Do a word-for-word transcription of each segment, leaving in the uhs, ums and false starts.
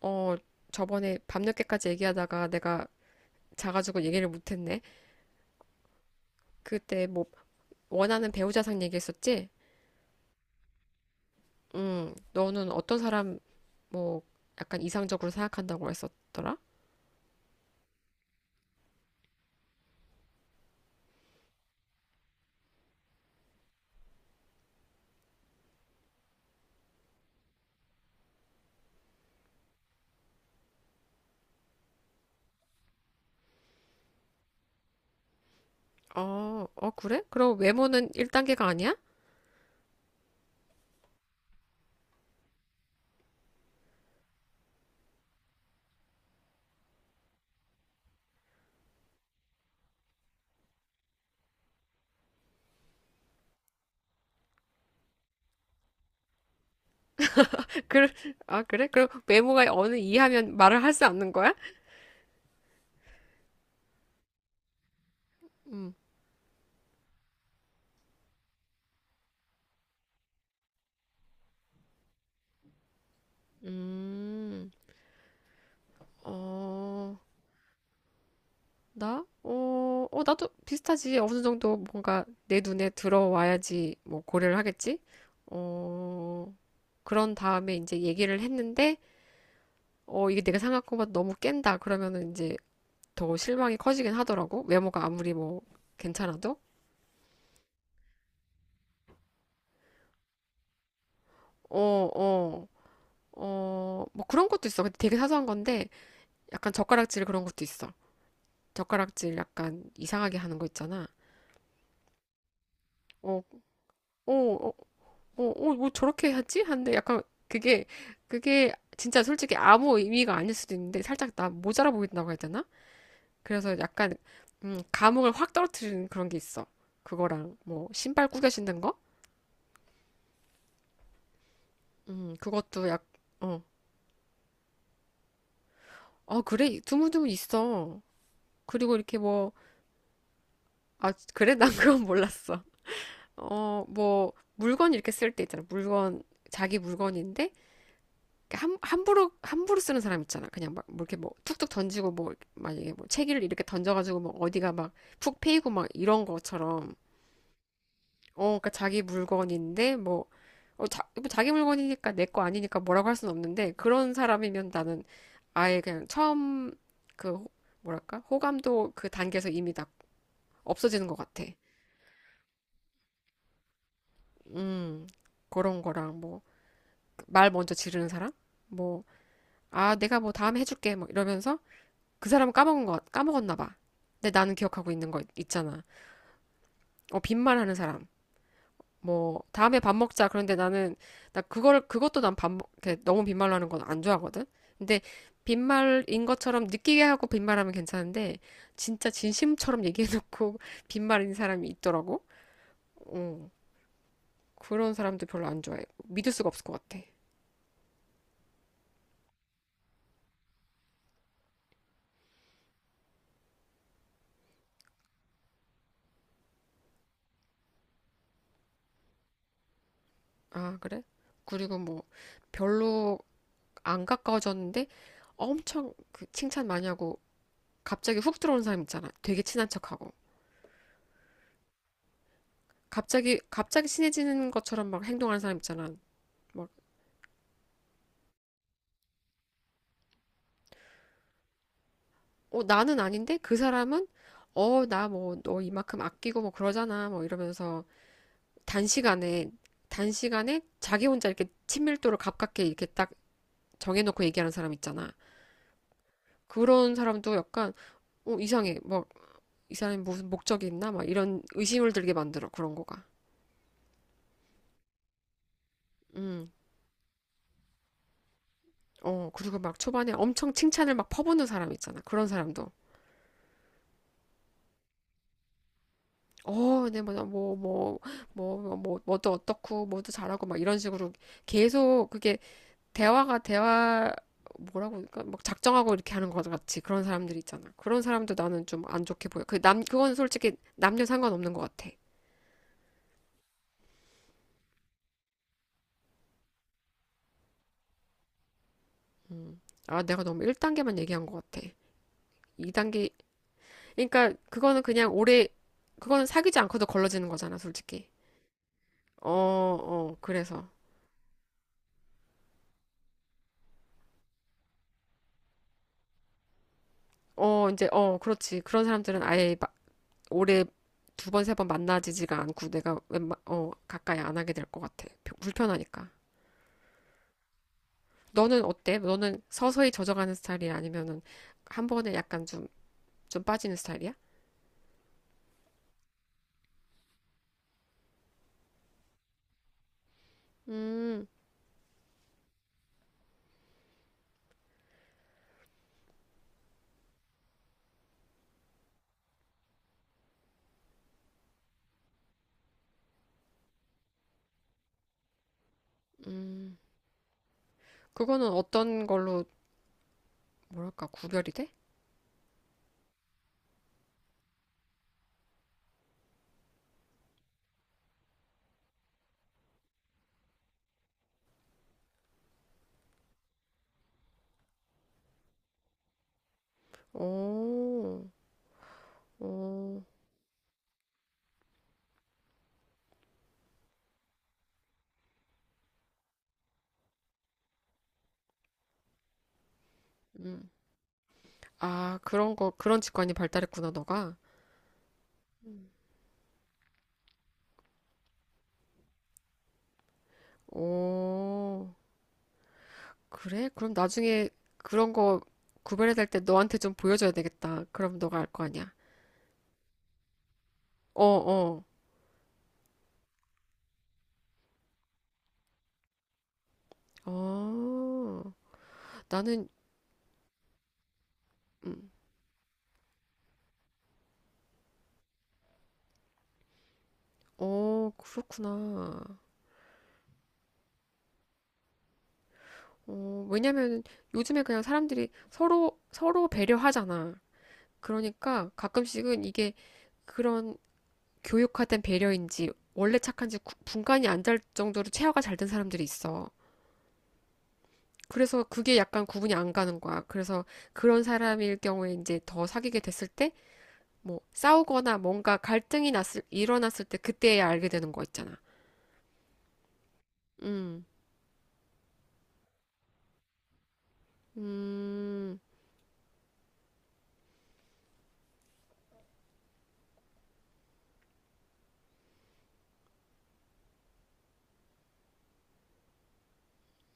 어, 저번에 밤늦게까지 얘기하다가 내가 자가지고 얘기를 못했네. 그때 뭐 원하는 배우자상 얘기했었지? 응, 너는 어떤 사람 뭐 약간 이상적으로 생각한다고 했었더라? 어, 어, 그래? 그럼 외모는 일 단계가 아니야? 그, 아, 그래? 그럼 외모가 어느 이하면 말을 할 수 없는 거야? 음, 음, 어. 나? 어, 어, 나도 비슷하지. 어느 정도 뭔가 내 눈에 들어와야지 뭐 고려를 하겠지? 어, 그런 다음에 이제 얘기를 했는데, 어, 이게 내가 생각한 것보다 너무 깬다. 그러면은 이제 더 실망이 커지긴 하더라고. 외모가 아무리 뭐 괜찮아도. 어, 어, 어, 뭐 그런 것도 있어. 근데 되게 사소한 건데, 약간 젓가락질 그런 것도 있어. 젓가락질 약간 이상하게 하는 거 있잖아. 어, 어, 어, 어, 어, 뭐 저렇게 하지? 하는데 약간 그게, 그게 진짜 솔직히 아무 의미가 아닐 수도 있는데 살짝 나 모자라 보인다고 해야 되나? 그래서 약간, 음, 감흥을 확 떨어뜨리는 그런 게 있어. 그거랑 뭐 신발 꾸겨 신는 거? 음, 그것도 약, 어, 어, 그래. 드문드문 있어. 그리고 이렇게 뭐, 아, 그래? 난 그건 몰랐어. 어, 뭐, 물건 이렇게 쓸 때 있잖아. 물건, 자기 물건인데 그러니까 함, 함부로 함부로 쓰는 사람 있잖아. 그냥 막 뭐 이렇게 뭐 툭툭 던지고 뭐 만약에 뭐 책을 이렇게 던져가지고 뭐 어디가 막 푹 패이고 막 이런 것처럼 어 그러니까 자기 물건인데 뭐 어, 자, 뭐 자기 물건이니까 내 거 아니니까 뭐라고 할 수는 없는데 그런 사람이면 나는 아예 그냥 처음 그 뭐랄까 호감도 그 단계에서 이미 다 없어지는 것 같아. 음 그런 거랑 뭐 말 먼저 지르는 사람 뭐 아 내가 뭐 다음에 해줄게 막 이러면서 그 사람은 까먹은 거, 까먹었나 봐. 근데 나는 기억하고 있는 거 있잖아. 어, 빈말하는 사람. 뭐, 다음에 밥 먹자. 그런데 나는, 나 그걸, 그것도 난 밥, 먹- 게 너무 빈말로 하는 건 안 좋아하거든? 근데 빈말인 것처럼 느끼게 하고 빈말하면 괜찮은데, 진짜 진심처럼 얘기해놓고 빈말인 사람이 있더라고. 어, 그런 사람도 별로 안 좋아해. 믿을 수가 없을 것 같아. 아, 그래? 그리고 뭐, 별로 안 가까워졌는데, 엄청 그 칭찬 많이 하고 갑자기 훅 들어오는 사람 있잖아. 되게 친한 척하고. 갑자기, 갑자기 친해지는 것처럼 막 행동하는 사람 있잖아. 막, 어, 나는 아닌데? 그 사람은, 어, 나 뭐, 너 이만큼 아끼고 뭐 그러잖아. 뭐 이러면서 단시간에, 단시간에 자기 혼자 이렇게 친밀도를 가깝게 이렇게 딱 정해놓고 얘기하는 사람 있잖아. 그런 사람도 약간, 어, 이상해. 뭐, 이 사람이 무슨 목적이 있나? 막 이런 의심을 들게 만들어. 그런 거가. 음. 어, 그리고 막 초반에 엄청 칭찬을 막 퍼붓는 사람 있잖아. 그런 사람도. 어, 네, 뭐, 뭐, 뭐, 뭐, 뭐, 뭐, 뭐도 어떻고, 뭐도 잘하고, 막 이런 식으로 계속 그게 대화가 대화, 뭐라고, 그러니까 막 작정하고 이렇게 하는 것 같이 그런 사람들 있잖아. 그런 사람도 나는 좀 안 좋게 보여. 그 남, 그건 솔직히 남녀 상관없는 것 같아. 아, 내가 너무 일 단계만 얘기한 것 같아. 이 단계, 그러니까 그거는 그냥 오래, 그거는 사귀지 않고도 걸러지는 거잖아, 솔직히. 어, 어, 그래서. 어, 이제, 어, 그렇지. 그런 사람들은 아예 마- 올해 두 번, 세 번 만나지지가 않고 내가 웬만, 어, 가까이 안 하게 될 것 같아. 불편하니까. 너는 어때? 너는 서서히 젖어가는 스타일이야? 아니면은 한 번에 약간 좀, 좀 빠지는 스타일이야? 음, 음. 그거는 어떤 걸로, 뭐랄까, 구별이 돼? 오, 오, 음. 아, 그런 거, 그런 직관이 발달했구나, 너가. 오, 그래? 그럼 나중에 그런 거 구별해야 될 때 너한테 좀 보여줘야 되겠다. 그럼 너가 알 거 아니야. 어, 어. 아, 나는, 음, 어, 그렇구나. 어, 왜냐면 요즘에 그냥 사람들이 서로, 서로 배려하잖아. 그러니까 가끔씩은 이게 그런 교육화된 배려인지 원래 착한지 구- 분간이 안 될 정도로 체화가 잘 된 사람들이 있어. 그래서 그게 약간 구분이 안 가는 거야. 그래서 그런 사람일 경우에 이제 더 사귀게 됐을 때, 뭐, 싸우거나 뭔가 갈등이 났을, 일어났을 때 그때야 알게 되는 거 있잖아. 음. 음,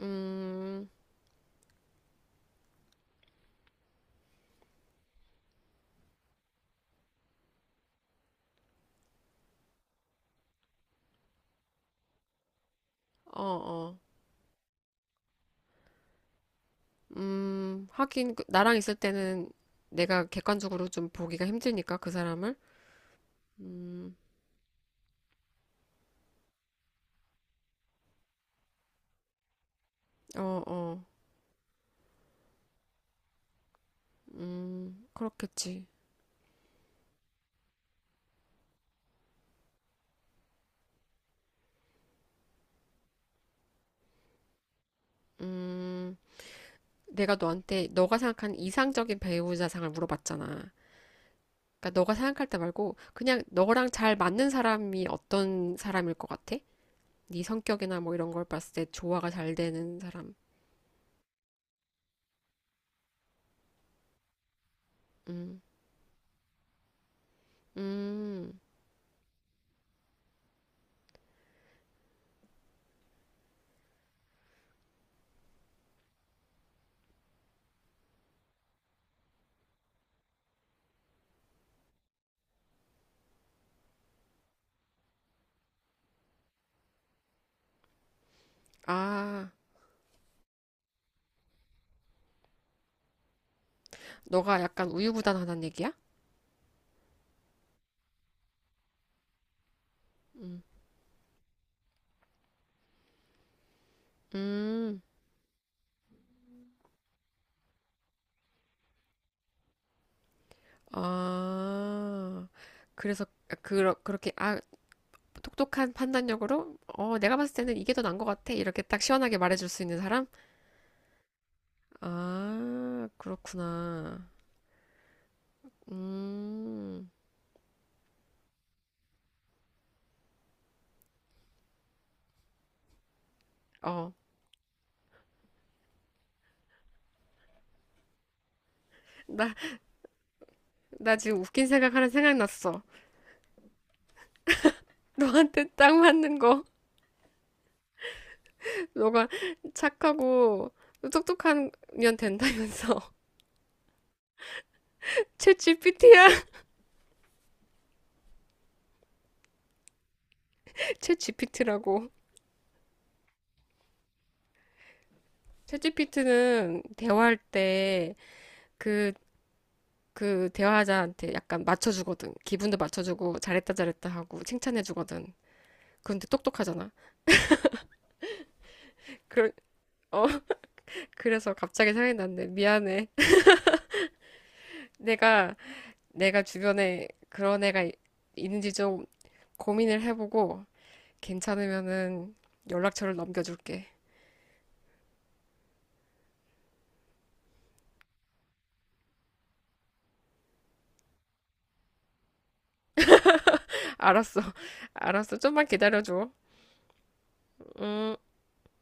음, 어, 어. 음, 하긴, 그- 나랑 있을 때는 내가 객관적으로 좀 보기가 힘드니까, 그 사람을. 음, 어, 어. 음, 그렇겠지. 음, 내가 너한테, 너가 생각하는 이상적인 배우자상을 물어봤잖아. 그러니까 너가 생각할 때 말고, 그냥 너랑 잘 맞는 사람이 어떤 사람일 것 같아? 네 성격이나 뭐 이런 걸 봤을 때 조화가 잘 되는 사람. 음, 음, 아. 너가 약간 우유부단하다는 얘기야? 음. 음, 아, 그래서 그러, 그렇게 아, 똑똑한 판단력으로 어, 내가 봤을 때는 이게 더 나은 것 같아. 이렇게 딱 시원하게 말해줄 수 있는 사람? 아, 그렇구나. 음, 어, 나, 나 지금 웃긴 생각 하나 생각났어. 너한테 딱 맞는 거. 너가 착하고 똑똑한 년 된다면서. 챗지피티야. 챗지피티라고. 챗지피트는 대화할 때 그, 그 대화자한테 약간 맞춰주거든. 기분도 맞춰주고 잘했다 잘했다 하고 칭찬해주거든. 그런데 똑똑하잖아. 그, 어, 그래서 갑자기 생각이 났네. 미안해. 내가, 내가 주변에 그런 애가 이- 있는지 좀 고민을 해보고 괜찮으면은 연락처를 넘겨줄게. 알았어. 알았어. 좀만 기다려줘. 음.